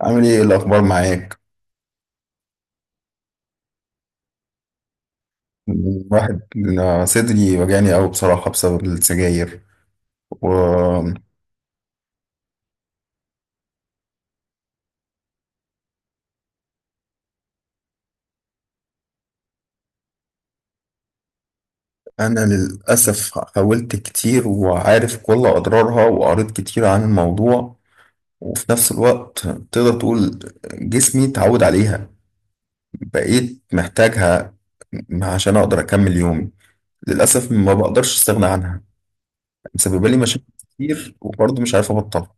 عامل ايه، إيه الاخبار معاك؟ واحد. صدري وجعني قوي بصراحة بسبب السجاير، وانا للاسف حاولت كتير وعارف كل اضرارها وقريت كتير عن الموضوع. وفي نفس الوقت تقدر تقول جسمي اتعود عليها، بقيت محتاجها عشان اقدر اكمل يومي. للاسف ما بقدرش استغنى عنها، مسببه لي مشاكل كتير وبرضه مش عارف ابطلها.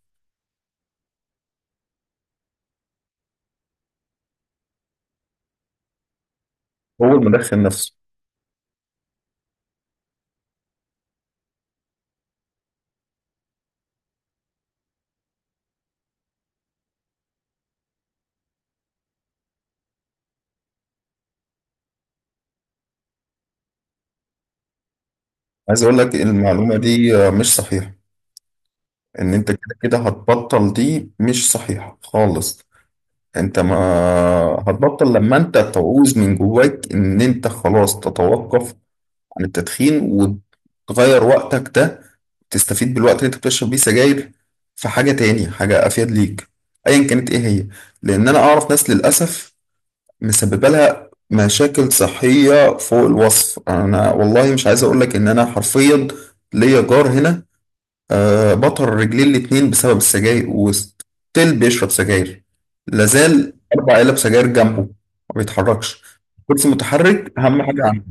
هو المدخن نفسه. عايز اقول لك المعلومة دي مش صحيحة، ان انت كده كده هتبطل دي مش صحيحة خالص. انت ما هتبطل لما انت تعوز من جواك ان انت خلاص تتوقف عن التدخين وتغير وقتك ده، تستفيد بالوقت اللي انت بتشرب بيه سجاير في حاجة تاني، حاجة افيد ليك ايا كانت ايه هي. لان انا اعرف ناس للاسف مسببة لها مشاكل صحية فوق الوصف. انا والله مش عايز اقولك ان انا حرفيا ليا جار هنا، آه، بطر رجليه الاتنين بسبب السجاير وستيل بيشرب سجاير، لازال أربع علب سجاير جنبه، ما بيتحركش، كرسي متحرك أهم حاجة عنده.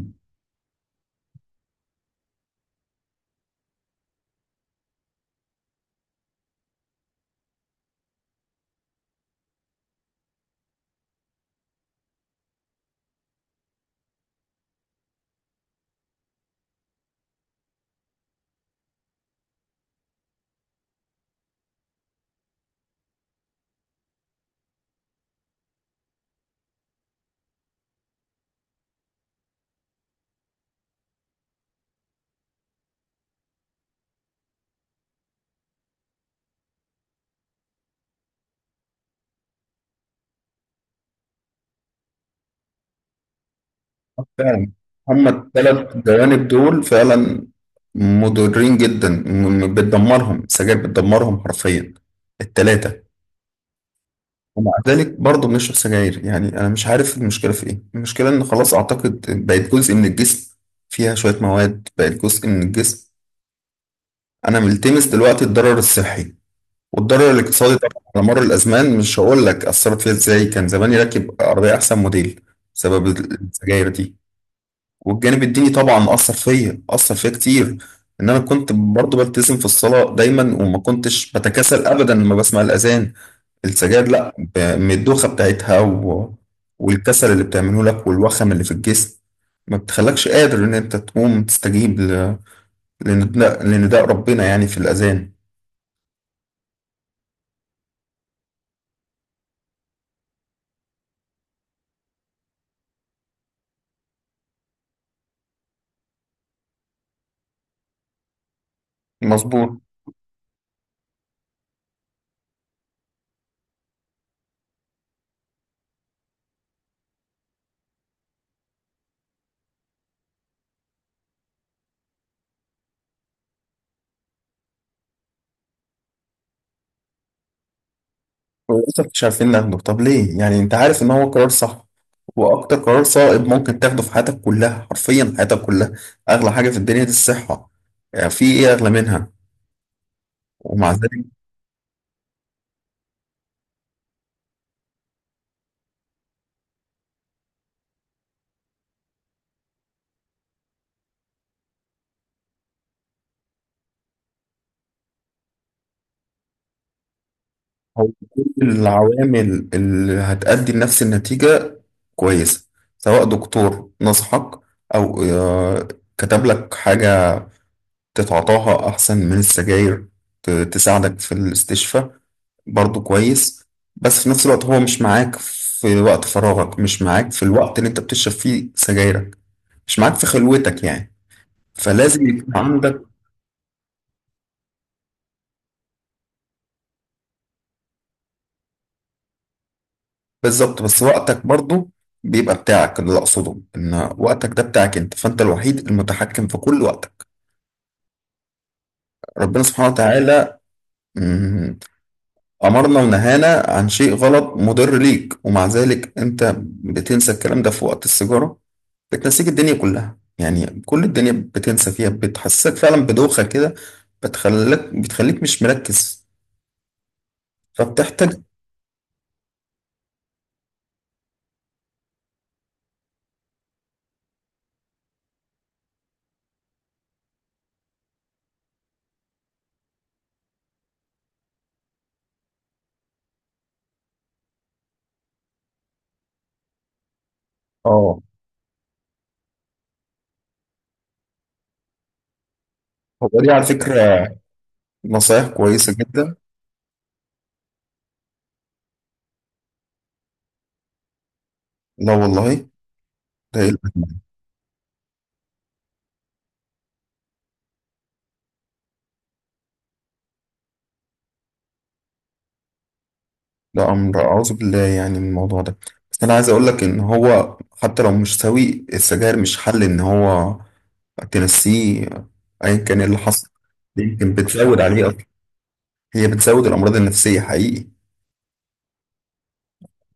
فعلا، هما التلات جوانب دول فعلا مضرين جدا، بتدمرهم السجاير، بتدمرهم حرفيا التلاتة. ومع ذلك برضه بنشرب سجاير. يعني أنا مش عارف المشكلة في إيه. المشكلة إن خلاص أعتقد بقت جزء من الجسم، فيها شوية مواد بقت جزء من الجسم. أنا ملتمس دلوقتي الضرر الصحي والضرر الاقتصادي طبعا على مر الازمان، مش هقول لك اثرت فيها ازاي، كان زماني راكب عربيه احسن موديل بسبب السجاير دي. والجانب الديني طبعا اثر فيا، اثر فيا كتير، ان انا كنت برضه بلتزم في الصلاه دايما وما كنتش بتكاسل ابدا لما بسمع الاذان. السجاير لا، من الدوخه بتاعتها والكسل اللي بتعمله لك والوخم اللي في الجسم، ما بتخلكش قادر ان انت تقوم تستجيب لنداء، لنداء ربنا يعني في الاذان. مظبوط. ولسه مش عارفين ناخده. طب ليه؟ يعني انت عارف ان هو قرار صح، واكتر قرار صائب ممكن تاخده في حياتك كلها، حرفيا حياتك كلها. اغلى حاجة في الدنيا دي الصحة، يعني في ايه اغلى منها؟ ومع ذلك. هو كل العوامل اللي هتؤدي لنفس النتيجة كويسة، سواء دكتور نصحك او كتب لك حاجة تتعاطاها أحسن من السجاير، تساعدك في الاستشفاء، برضو كويس. بس في نفس الوقت هو مش معاك في وقت فراغك، مش معاك في الوقت اللي انت بتشرب فيه سجايرك، مش معاك في خلوتك يعني، فلازم يكون عندك. بالظبط. بس وقتك برضو بيبقى بتاعك. اللي أقصده إن وقتك ده بتاعك أنت، فأنت الوحيد المتحكم في كل وقتك. ربنا سبحانه وتعالى أمرنا ونهانا عن شيء غلط مضر ليك، ومع ذلك أنت بتنسى الكلام ده في وقت السيجارة. بتنسيك الدنيا كلها، يعني كل الدنيا بتنسى فيها، بتحسسك فعلا بدوخة كده، بتخليك مش مركز، فبتحتاج. اه. هو دي على فكرة نصايح كويسة جدا. لا والله. ده إيه الأهمية؟ ده أمر أعوذ بالله يعني من الموضوع ده. بس أنا عايز أقول لك إن هو حتى لو مش سوي، السجاير مش حل إن هو تنسيه ايا كان إيه اللي حصل، يمكن بتزود عليه اصلا. هي بتزود الامراض النفسيه حقيقي.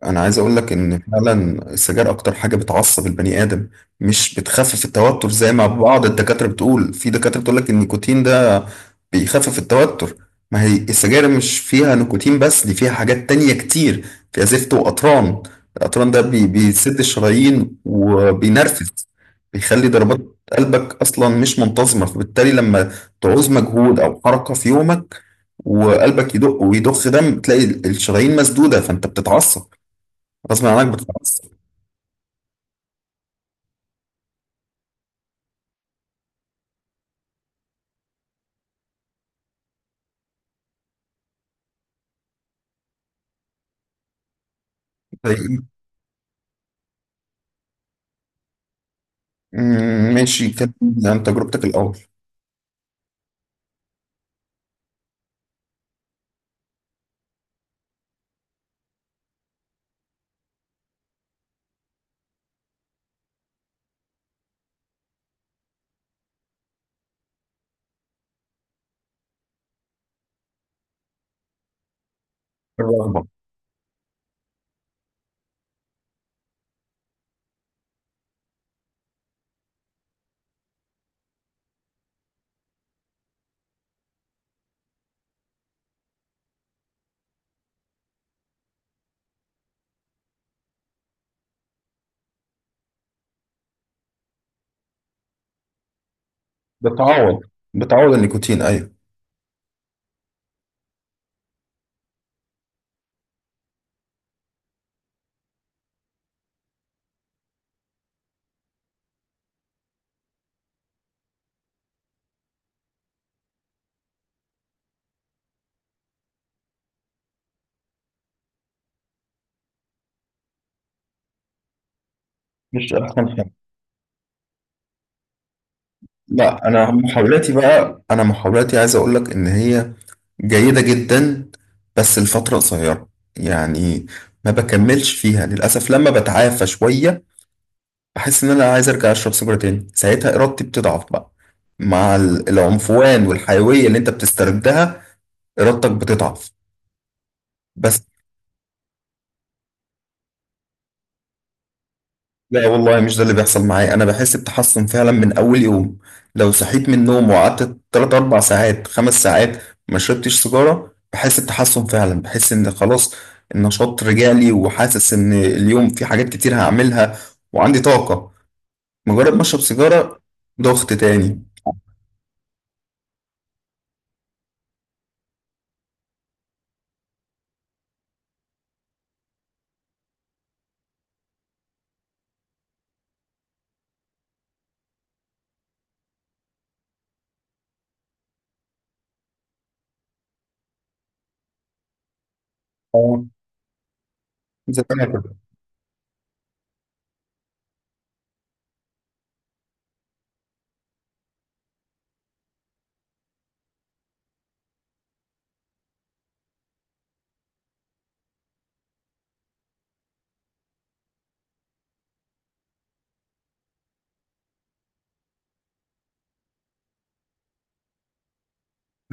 انا عايز اقول لك ان فعلا السجاير اكتر حاجه بتعصب البني ادم، مش بتخفف التوتر زي ما بعض الدكاتره بتقول. في دكاتره بتقول لك ان النيكوتين ده بيخفف التوتر، ما هي السجاير مش فيها نيكوتين بس، دي فيها حاجات تانية كتير، فيها زفت وقطران. القطران ده بيسد الشرايين وبينرفز، بيخلي ضربات قلبك اصلا مش منتظمه، فبالتالي لما تعوز مجهود او حركه في يومك وقلبك يدق ويضخ دم، تلاقي الشرايين مسدوده فانت بتتعصب، غصب عنك بتتعصب. زي- ماشي، كلمني عن تجربتك الأول. الرغبة. بتعوض، بتعوض النيكوتين أيوه. مش أحسن حاجة. لا، أنا محاولاتي بقى، أنا محاولاتي عايز أقول لك إن هي جيدة جدا، بس لفترة قصيرة. يعني ما بكملش فيها للأسف. لما بتعافى شوية بحس إن أنا عايز أرجع أشرب سيجارة تاني. ساعتها إرادتي بتضعف بقى، مع العنفوان والحيوية اللي أنت بتستردها، إرادتك بتضعف، بس. لا والله مش ده اللي بيحصل معايا. انا بحس بتحسن فعلا من اول يوم، لو صحيت من النوم وقعدت 3 4 ساعات، 5 ساعات، ما شربتش سيجارة، بحس بتحسن فعلا، بحس ان خلاص النشاط رجع لي، وحاسس ان اليوم في حاجات كتير هعملها وعندي طاقة. مجرد ما اشرب سيجارة، ضغط تاني. اه. زي ما أنا كده.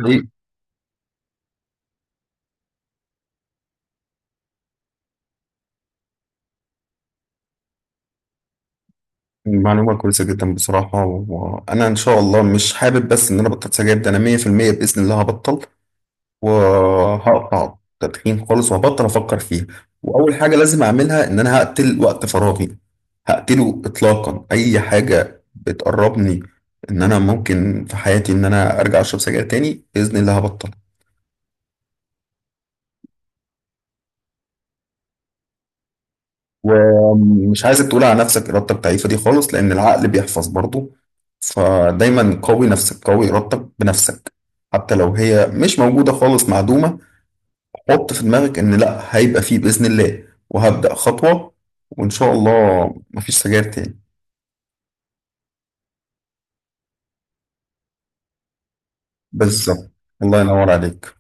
دي معلومة كويسة جدا بصراحة، وأنا إن شاء الله، مش حابب بس إن أنا بطلت سجاير، ده أنا 100% بإذن الله هبطل وهقطع تدخين خالص، وهبطل افكر فيها. واول حاجه لازم اعملها ان انا هقتل وقت فراغي، هقتله اطلاقا، اي حاجه بتقربني ان انا ممكن في حياتي ان انا ارجع اشرب سجاير تاني، باذن الله هبطل. ومش عايزك تقول على نفسك ارادتك ضعيفه دي خالص، لان العقل بيحفظ برضه. فدايما قوي نفسك، قوي ارادتك بنفسك، حتى لو هي مش موجوده، خالص معدومه، حط في دماغك ان لا، هيبقى فيه باذن الله وهبدا خطوه، وان شاء الله مفيش سجاير تاني. بالظبط. الله ينور عليك.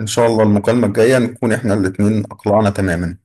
ان شاء الله المكالمه الجايه نكون احنا الاتنين اقلعنا تماما.